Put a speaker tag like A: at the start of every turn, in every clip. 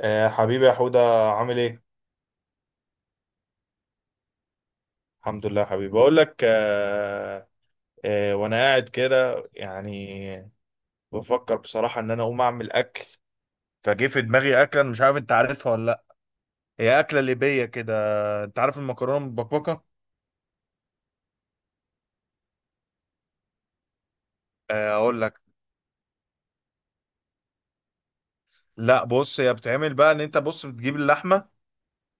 A: حبيبي يا حودة، عامل ايه؟ الحمد لله يا حبيبي، بقول لك. وانا قاعد كده يعني، بفكر بصراحة ان انا اقوم اعمل اكل. فجه في دماغي اكلة، أنا مش عارف انت عارفها ولا لا. هي اكلة ليبية كده. انت عارف المكرونة المبكبكة؟ اقول لك. لا بص، هي بتعمل بقى ان انت، بص، بتجيب اللحمة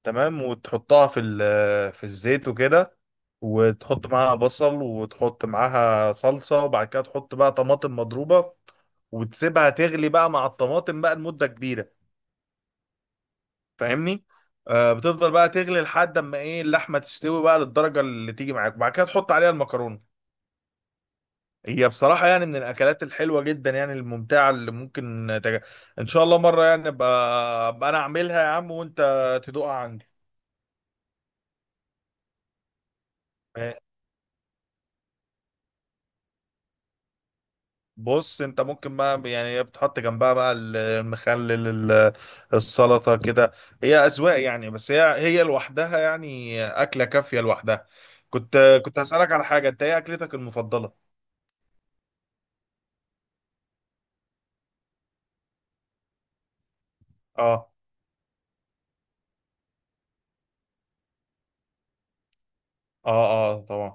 A: تمام وتحطها في الزيت وكده، وتحط معاها بصل، وتحط معاها صلصة، وبعد كده تحط بقى طماطم مضروبة، وتسيبها تغلي بقى مع الطماطم بقى لمدة كبيرة. فاهمني؟ بتفضل بقى تغلي لحد اما ايه، اللحمة تستوي بقى للدرجة اللي تيجي معاك، وبعد كده تحط عليها المكرونة. هي بصراحة يعني من الأكلات الحلوة جدا، يعني الممتعة اللي ممكن إن شاء الله مرة، يعني أبقى أنا أعملها يا عم وأنت تدوقها عندي. بص، انت ممكن بقى يعني بتحط جنبها بقى المخلل، السلطة كده. هي أذواق يعني، بس هي لوحدها يعني أكلة كافية لوحدها. كنت كنت هسألك على حاجة، انت ايه أكلتك المفضلة؟ اه، اه، اه، طبعا.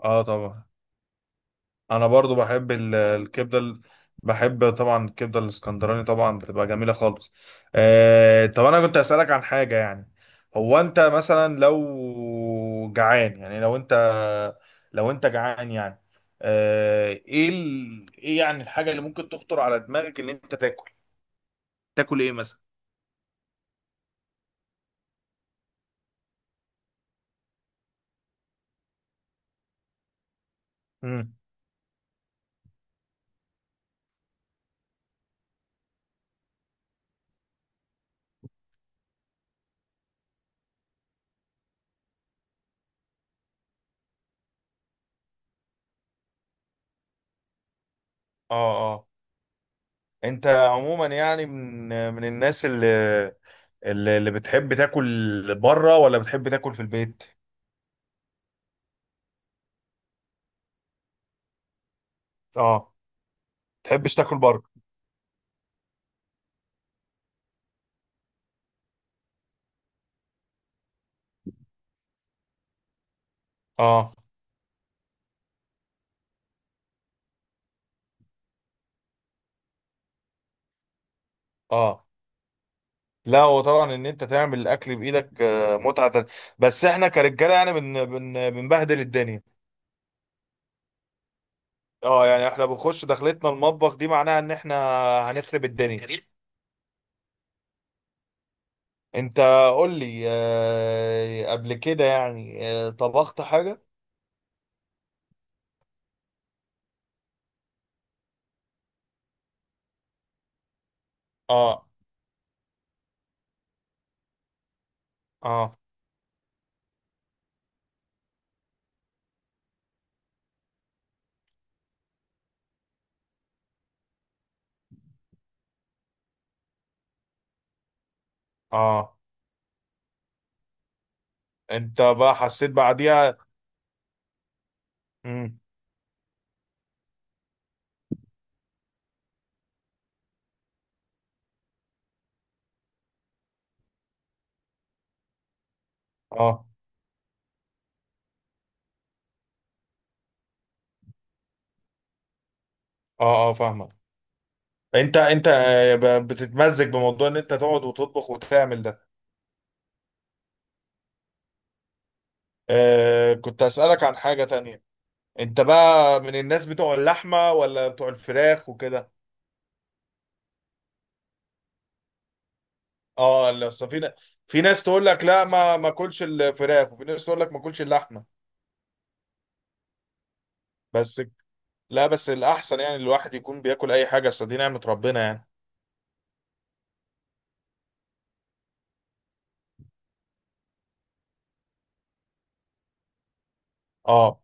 A: اه، طبعا. انا برضو بحب الكبده بحب طبعا الكبده الاسكندراني، طبعا بتبقى جميله خالص. طب انا كنت اسالك عن حاجه يعني، هو انت مثلا لو جعان، يعني لو انت جعان يعني. ايه ايه يعني الحاجه اللي ممكن تخطر على دماغك ان انت تاكل ايه مثلا؟ امم. اه، اه. انت عموما يعني من الناس اللي بتحب تاكل بره، ولا بتحب تاكل في البيت؟ اه، تحبش تاكل بره؟ اه، اه. لا، هو طبعا ان انت تعمل الاكل بايدك متعه تانية. بس احنا كرجاله يعني بن بن بنبهدل الدنيا. اه، يعني احنا بنخش دخلتنا المطبخ دي، معناها ان احنا هنخرب الدنيا جميل. انت قول لي، قبل كده يعني، طبخت حاجه؟ اه، اه، اه. انت بقى حسيت بعديها؟ امم. اه، اه، اه، فاهمك. انت انت بتتمزج بموضوع ان انت تقعد وتطبخ وتعمل ده؟ كنت أسألك عن حاجة تانية. انت بقى من الناس بتوع اللحمة ولا بتوع الفراخ وكده؟ اه، لا، أصل في ناس تقول لك لا ما اكلش الفراخ، وفي ناس تقول لك ما اكلش اللحمة. بس، لا، بس الأحسن يعني الواحد يكون بياكل أي حاجة، أصل دي نعمة ربنا يعني. اه،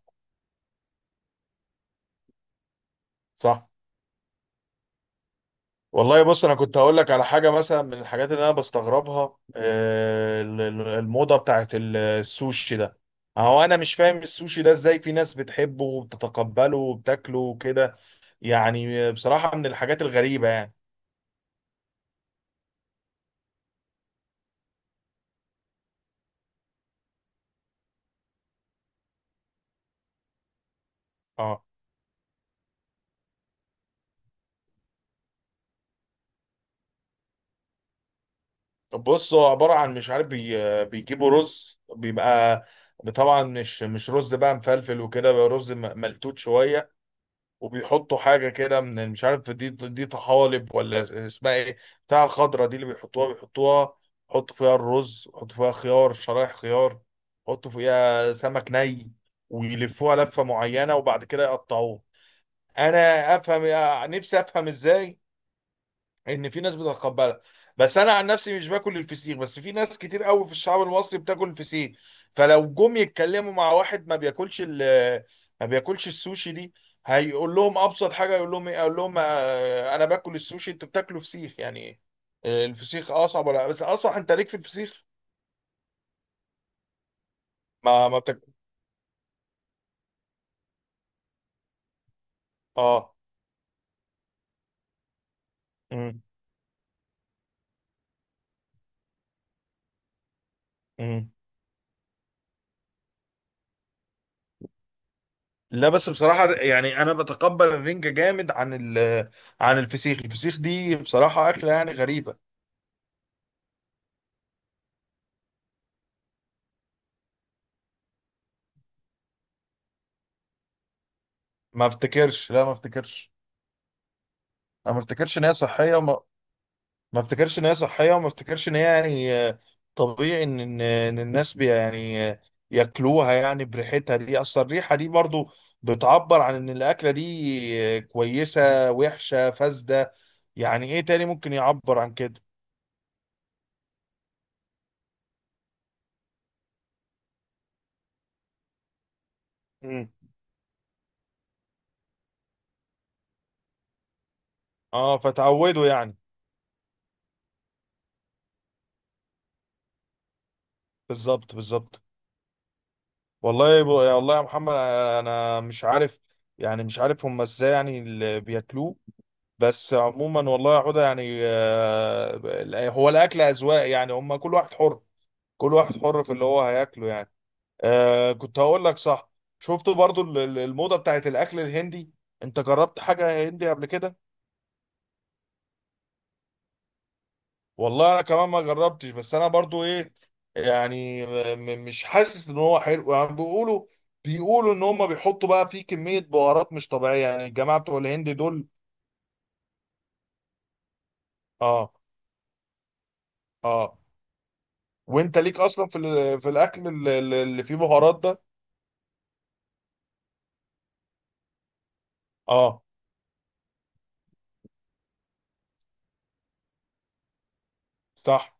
A: صح. والله بص، انا كنت هقول لك على حاجه مثلا، من الحاجات اللي انا بستغربها، الموضه بتاعت السوشي ده. هو انا مش فاهم السوشي ده ازاي في ناس بتحبه وبتتقبله وبتاكله وكده. يعني بصراحة من الحاجات الغريبة يعني. اه، طب بص، هو عبارة عن، مش عارف، بيجيبوا رز، بيبقى طبعا مش رز بقى مفلفل وكده، بقى رز ملتوت شوية. وبيحطوا حاجة كده، من مش عارف، دي طحالب ولا اسمها ايه، بتاع الخضرة دي، اللي بيحطوها يحطوا فيها الرز، يحطوا فيها خيار، شرايح خيار، يحطوا فيها سمك ني، ويلفوها لفة معينة، وبعد كده يقطعوه. انا افهم، نفسي افهم ازاي ان في ناس بتتقبلها. بس انا عن نفسي مش باكل الفسيخ، بس في ناس كتير قوي في الشعب المصري بتاكل الفسيخ. فلو جم يتكلموا مع واحد ما بياكلش ما بياكلش السوشي دي، هيقول لهم ابسط حاجه، يقول لهم ايه، اقول لهم انا باكل السوشي انتوا بتاكلوا فسيخ يعني ايه؟ الفسيخ اصعب، ولا بس اصح، انت ليك في الفسيخ. ما بتاكل. اه. مم. مم. لا بس بصراحة يعني، أنا بتقبل الرنجة جامد عن الفسيخ. الفسيخ دي بصراحة أكلة يعني غريبة. ما افتكرش، لا، ما افتكرش. انا ما افتكرش ان هي صحيه، وما ما افتكرش ان هي صحيه، وما افتكرش ان هي يعني طبيعي ان إن الناس، بي يعني آه، ياكلوها يعني بريحتها دي. اصل الريحه دي برضو بتعبر عن ان الاكله دي كويسه، وحشه، فاسده. يعني ايه تاني ممكن يعبر عن كده. مم. اه، فتعودوا يعني. بالظبط بالظبط. والله يا محمد، انا مش عارف، يعني مش عارف هم ازاي يعني اللي بياكلوه. بس عموما والله يا عودة يعني، هو الأكل أذواق يعني، هم كل واحد حر، كل واحد حر في اللي هو هياكله يعني. كنت هقول لك صح، شفت برضو الموضة بتاعت الأكل الهندي. أنت جربت حاجة هندي قبل كده؟ والله أنا كمان ما جربتش، بس أنا برضو إيه يعني، مش حاسس إن هو حلو يعني. بيقولوا، إن هم بيحطوا بقى فيه كمية بهارات مش طبيعية يعني، الجماعة بتوع الهند دول. آه، آه. وأنت ليك أصلا في الأكل اللي فيه بهارات ده؟ اه، صح،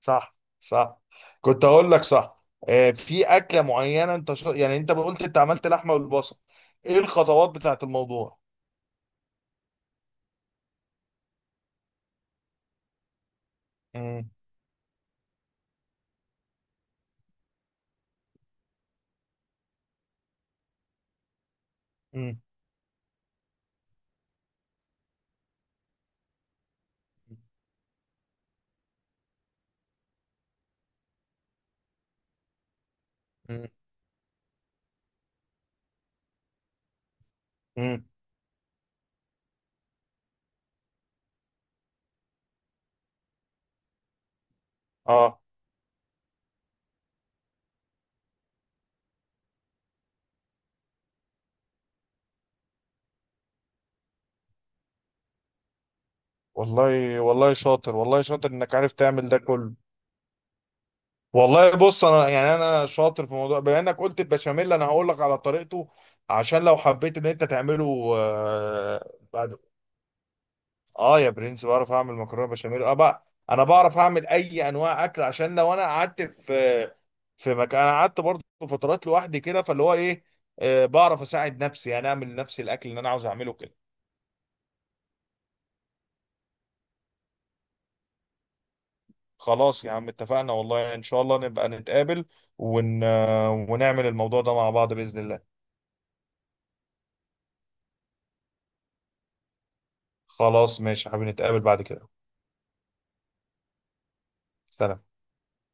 A: صح، صح. كنت اقول لك صح، في اكله معينه انت يعني انت قلت انت عملت لحمه والبصل، ايه الخطوات بتاعت الموضوع. امم، امم، امم. اه. والله، والله شاطر، والله شاطر انك عارف تعمل ده كله. والله بص، انا يعني انا شاطر في موضوع، بما انك قلت البشاميل انا هقول لك على طريقته عشان لو حبيت ان انت تعمله اه، يا برنس، بعرف اعمل مكرونه بشاميل. اه بقى، انا بعرف اعمل اي انواع اكل، عشان لو انا قعدت في، في مكان، انا قعدت برضه فترات لوحدي كده، فاللي هو ايه، بعرف اساعد نفسي يعني، اعمل لنفسي الاكل اللي انا عاوز اعمله كده. خلاص يا عم اتفقنا، والله ان شاء الله نبقى نتقابل ون... آه، ونعمل الموضوع ده مع بعض باذن الله. خلاص ماشي يا حبيبي، نتقابل بعد كده. سلام.